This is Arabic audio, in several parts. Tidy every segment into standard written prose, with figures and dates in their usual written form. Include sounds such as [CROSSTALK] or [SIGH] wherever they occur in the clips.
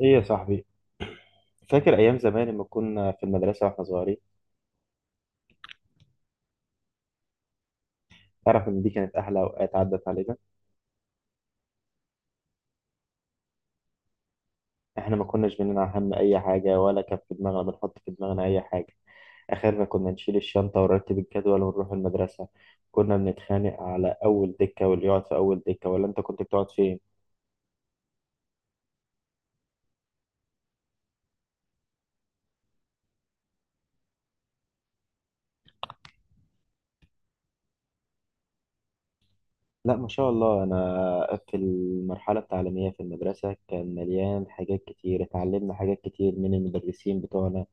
ايه يا صاحبي، فاكر ايام زمان لما كنا في المدرسه واحنا صغيرين؟ تعرف ان دي كانت احلى اوقات عدت علينا؟ احنا ما كناش بننا هم اي حاجه، ولا كان في دماغنا بنحط في دماغنا اي حاجه. اخرنا كنا نشيل الشنطه ونرتب الجدول ونروح المدرسه. كنا بنتخانق على اول دكه واللي يقعد في اول دكه، ولا انت كنت بتقعد فين؟ لا، ما شاء الله، انا في المرحله التعليميه في المدرسه كان مليان حاجات كتير، اتعلمنا حاجات كتير من المدرسين بتوعنا.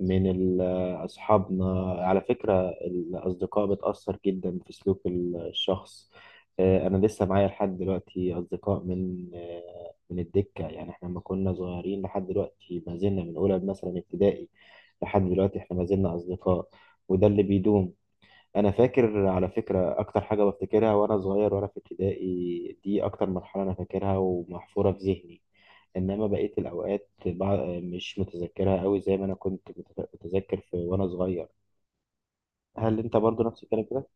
من ال- أصحابنا، على فكرة الأصدقاء بتأثر جدا في سلوك الشخص. أنا لسه معايا لحد دلوقتي أصدقاء من من الدكة، يعني إحنا لما كنا صغيرين لحد دلوقتي ما زلنا من أولى مثلا ابتدائي. لحد دلوقتي إحنا ما زلنا أصدقاء، وده اللي بيدوم. انا فاكر على فكره اكتر حاجه بفتكرها وانا صغير وانا في ابتدائي دي اكتر مرحله انا فاكرها ومحفوره في ذهني. انما بقيه الاوقات مش متذكرها قوي، زي ما انا كنت متذكر في وانا صغير. هل انت برضو نفس الكلام كده؟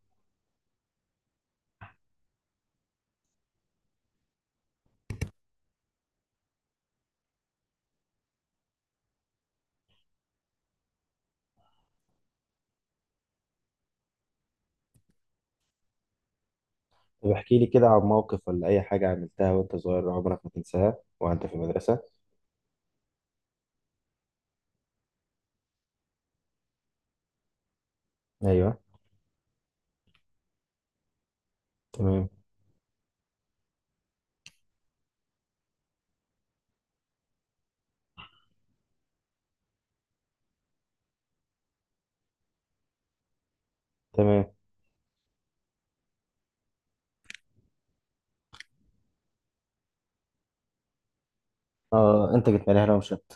طب احكي لي كده عن موقف ولا اي حاجه عملتها وانت صغير عمرك ما تنساها وانت في المدرسه. ايوه. تمام، تمام. اه، انت جيت لي هنا ومش أنت.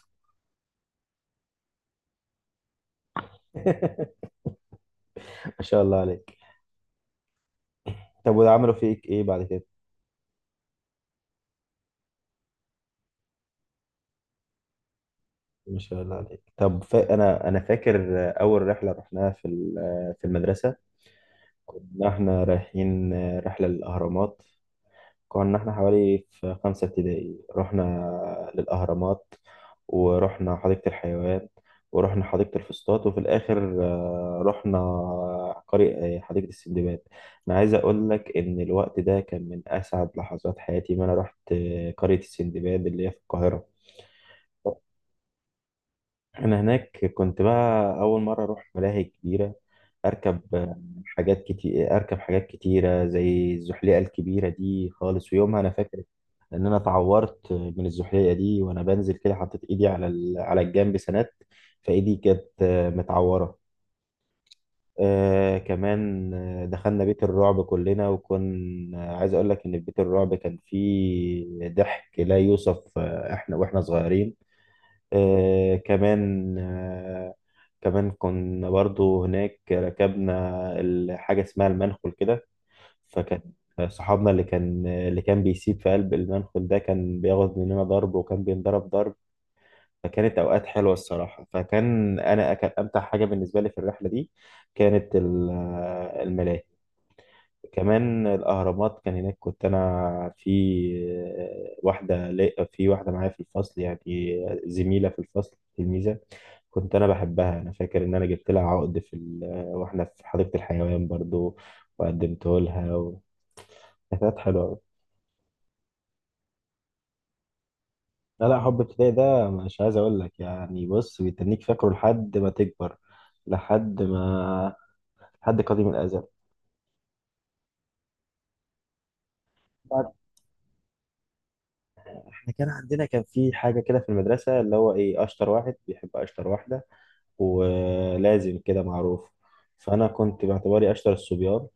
[LAUGHS] ما شاء الله عليك. طب وعملوا فيك ايه بعد كده؟ ما شاء الله عليك. طب انا فاكر اول رحله رحناها في المدرسه. كنا احنا رايحين رحله للاهرامات. كنا احنا حوالي في خمسه ابتدائي، رحنا للاهرامات، ورحنا حديقه الحيوان، ورحنا حديقه الفسطاط، وفي الاخر رحنا قرية حديقه السندباد. انا عايز اقول لك ان الوقت ده كان من اسعد لحظات حياتي ما انا رحت قريه السندباد اللي هي في القاهره. انا هناك كنت بقى اول مره اروح ملاهي كبيره، اركب حاجات كتير، اركب حاجات كتيره زي الزحليقه الكبيره دي خالص، ويومها انا فاكر ان انا اتعورت من الزحليقه دي وانا بنزل كده، حطيت ايدي على الجنب سند، فايدي كانت متعوره. كمان دخلنا بيت الرعب كلنا، وكنا عايز اقول لك ان في بيت الرعب كان فيه ضحك لا يوصف، احنا واحنا صغيرين. كمان كمان كنا برضو هناك ركبنا حاجة اسمها المنخل كده. فكان صحابنا اللي كان بيسيب في قلب المنخل ده كان بياخد مننا ضرب، وكان بينضرب ضرب. فكانت أوقات حلوة الصراحة، فكان أنا كان أمتع حاجة بالنسبة لي في الرحلة دي كانت الملاهي. كمان الأهرامات، كان هناك كنت أنا في في واحدة معايا في الفصل، يعني زميلة في الفصل، تلميذة. كنت انا بحبها، انا فاكر ان انا جبت لها عقد واحنا في حديقة الحيوان برضو، وقدمته لها كانت حلوة أوي. لا، لا، حب ابتدائي ده مش عايز اقول لك، يعني بص، بيتنيك فاكره لحد ما تكبر، لحد ما، لحد قديم الازل. بعد- احنا كان عندنا، كان في حاجة كده في المدرسة، اللي هو ايه، اشطر واحد بيحب اشطر واحدة، ولازم كده معروف. فانا كنت باعتباري اشطر الصبيان،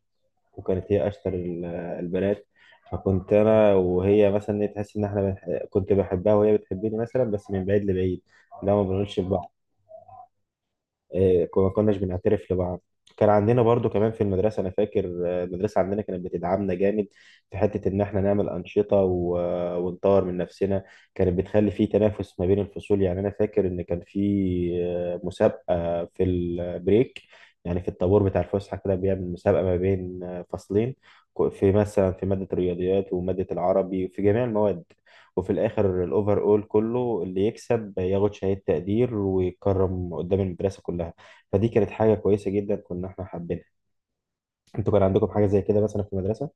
وكانت هي اشطر البنات. فكنت انا وهي مثلا تحس ان احنا كنت بحبها وهي بتحبني، مثلا بس من بعيد لبعيد. لا، ما بنقولش لبعض. ما كناش بنعترف لبعض. كان عندنا برضو كمان في المدرسة، أنا فاكر المدرسة عندنا كانت بتدعمنا جامد في حتة إن إحنا نعمل أنشطة ونطور من نفسنا. كانت بتخلي في تنافس ما بين الفصول، يعني أنا فاكر إن كان في مسابقة في البريك، يعني في الطابور بتاع الفسحة كده بيعمل مسابقة ما بين فصلين. في مثلا في مادة الرياضيات ومادة العربي، في جميع المواد. وفي الاخر الاوفر اول كله، اللي يكسب ياخد شهادة تقدير ويتكرم قدام المدرسة كلها. فدي كانت حاجة كويسة جدا كنا احنا حابينها. انتوا كان عندكم حاجة زي كده مثلا في المدرسة؟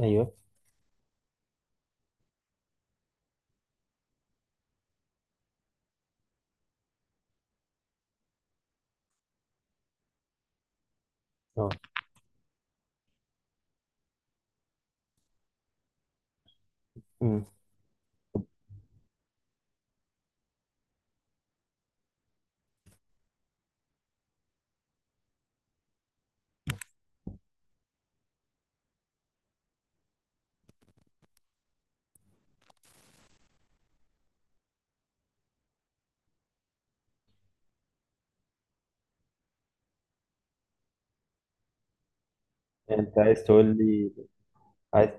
ايوه. اه. مم. انت عايز تقول لي؟ عايز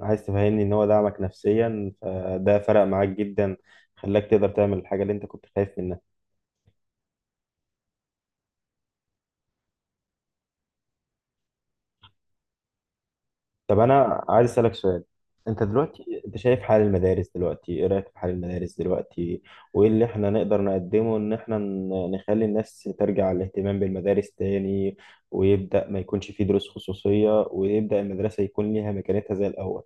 عايز تفهمني ان هو دعمك نفسيا فده فرق معاك جدا، خلاك تقدر تعمل الحاجة اللي انت كنت خايف منها. طب انا عايز اسالك سؤال. انت دلوقتي انت شايف حال المدارس دلوقتي، ايه رايك في حال المدارس دلوقتي؟ وايه اللي احنا نقدر نقدمه ان احنا نخلي الناس ترجع الاهتمام بالمدارس تاني، ويبدا ما يكونش فيه دروس خصوصيه، ويبدا المدرسه يكون ليها مكانتها زي الاول.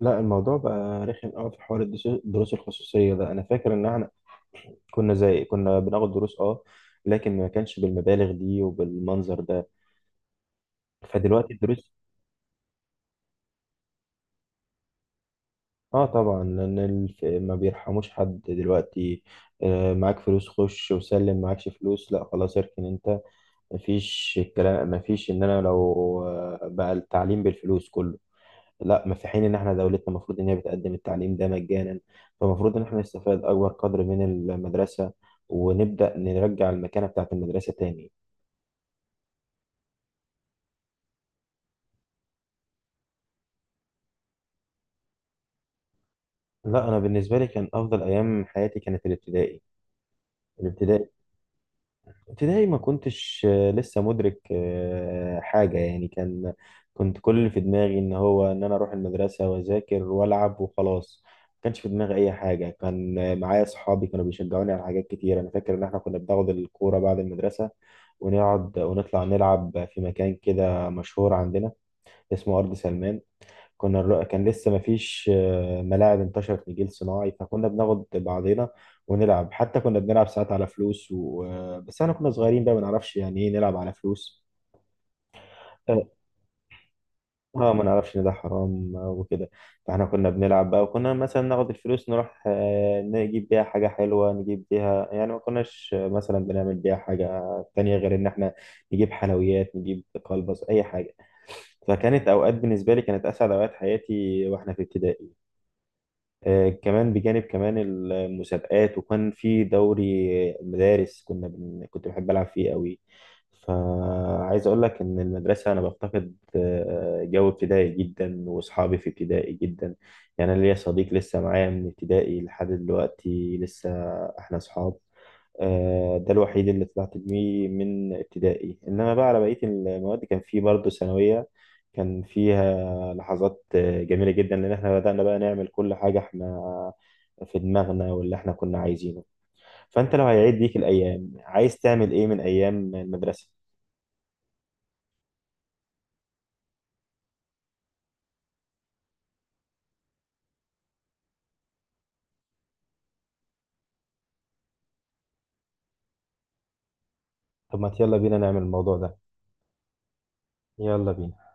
لا، الموضوع بقى رخم قوي في حوار الدروس الخصوصيه ده. انا فاكر ان احنا كنا زي كنا بناخد دروس، اه، لكن ما كانش بالمبالغ دي وبالمنظر ده. فدلوقتي الدروس اه، طبعا لان ما بيرحموش حد دلوقتي. معاك فلوس خش وسلم، معاكش فلوس لا خلاص اركن انت. مفيش الكلام، مفيش ان انا لو بقى التعليم بالفلوس كله. لا، ما في، حين ان احنا دولتنا المفروض ان هي بتقدم التعليم ده مجانا، فالمفروض ان احنا نستفاد اكبر قدر من المدرسة، ونبدأ نرجع المكانة بتاعت المدرسة تاني. لا، انا بالنسبة لي كان افضل ايام حياتي كانت الابتدائي. ابتدائي ما كنتش لسه مدرك حاجة يعني، كان كنت كل اللي في دماغي ان هو ان انا اروح المدرسة واذاكر والعب وخلاص، ما كانش في دماغي اي حاجة. كان معايا صحابي كانوا بيشجعوني على حاجات كتير. انا فاكر ان احنا كنا بناخد الكورة بعد المدرسة، ونقعد ونطلع نلعب في مكان كده مشهور عندنا اسمه أرض سلمان. كان لسه مفيش ملاعب انتشرت لجيل صناعي، فكنا بناخد بعضينا ونلعب. حتى كنا بنلعب ساعات على فلوس بس احنا كنا صغيرين بقى ما نعرفش يعني ايه نلعب على فلوس. اه، ما نعرفش ان ده حرام، وكده. فاحنا كنا بنلعب بقى، وكنا مثلا ناخد الفلوس نروح نجيب بيها حاجة حلوة، نجيب بيها يعني ما كناش مثلا بنعمل بيها حاجة تانية غير ان احنا نجيب حلويات، نجيب كلبس، اي حاجة. فكانت اوقات بالنسبة لي كانت اسعد اوقات حياتي واحنا في ابتدائي. كمان بجانب كمان المسابقات، وكان في دوري مدارس، كنت بحب ألعب فيه قوي. فعايز أقول لك إن المدرسة أنا بفتقد جو ابتدائي جدا، وأصحابي في ابتدائي جدا. يعني أنا ليا صديق لسه معايا من ابتدائي لحد دلوقتي، لسه إحنا أصحاب. ده الوحيد اللي طلعت بيه من ابتدائي، إنما بقى على بقية المواد كان في برضه ثانوية. كان في لحظات جميلة جدا، لأن احنا بدأنا بقى نعمل كل حاجة احنا في دماغنا واللي احنا كنا عايزينه. فأنت لو هيعيد بيك الأيام عايز تعمل إيه من أيام المدرسة؟ طب ما يلا بينا نعمل الموضوع ده. يلا بينا.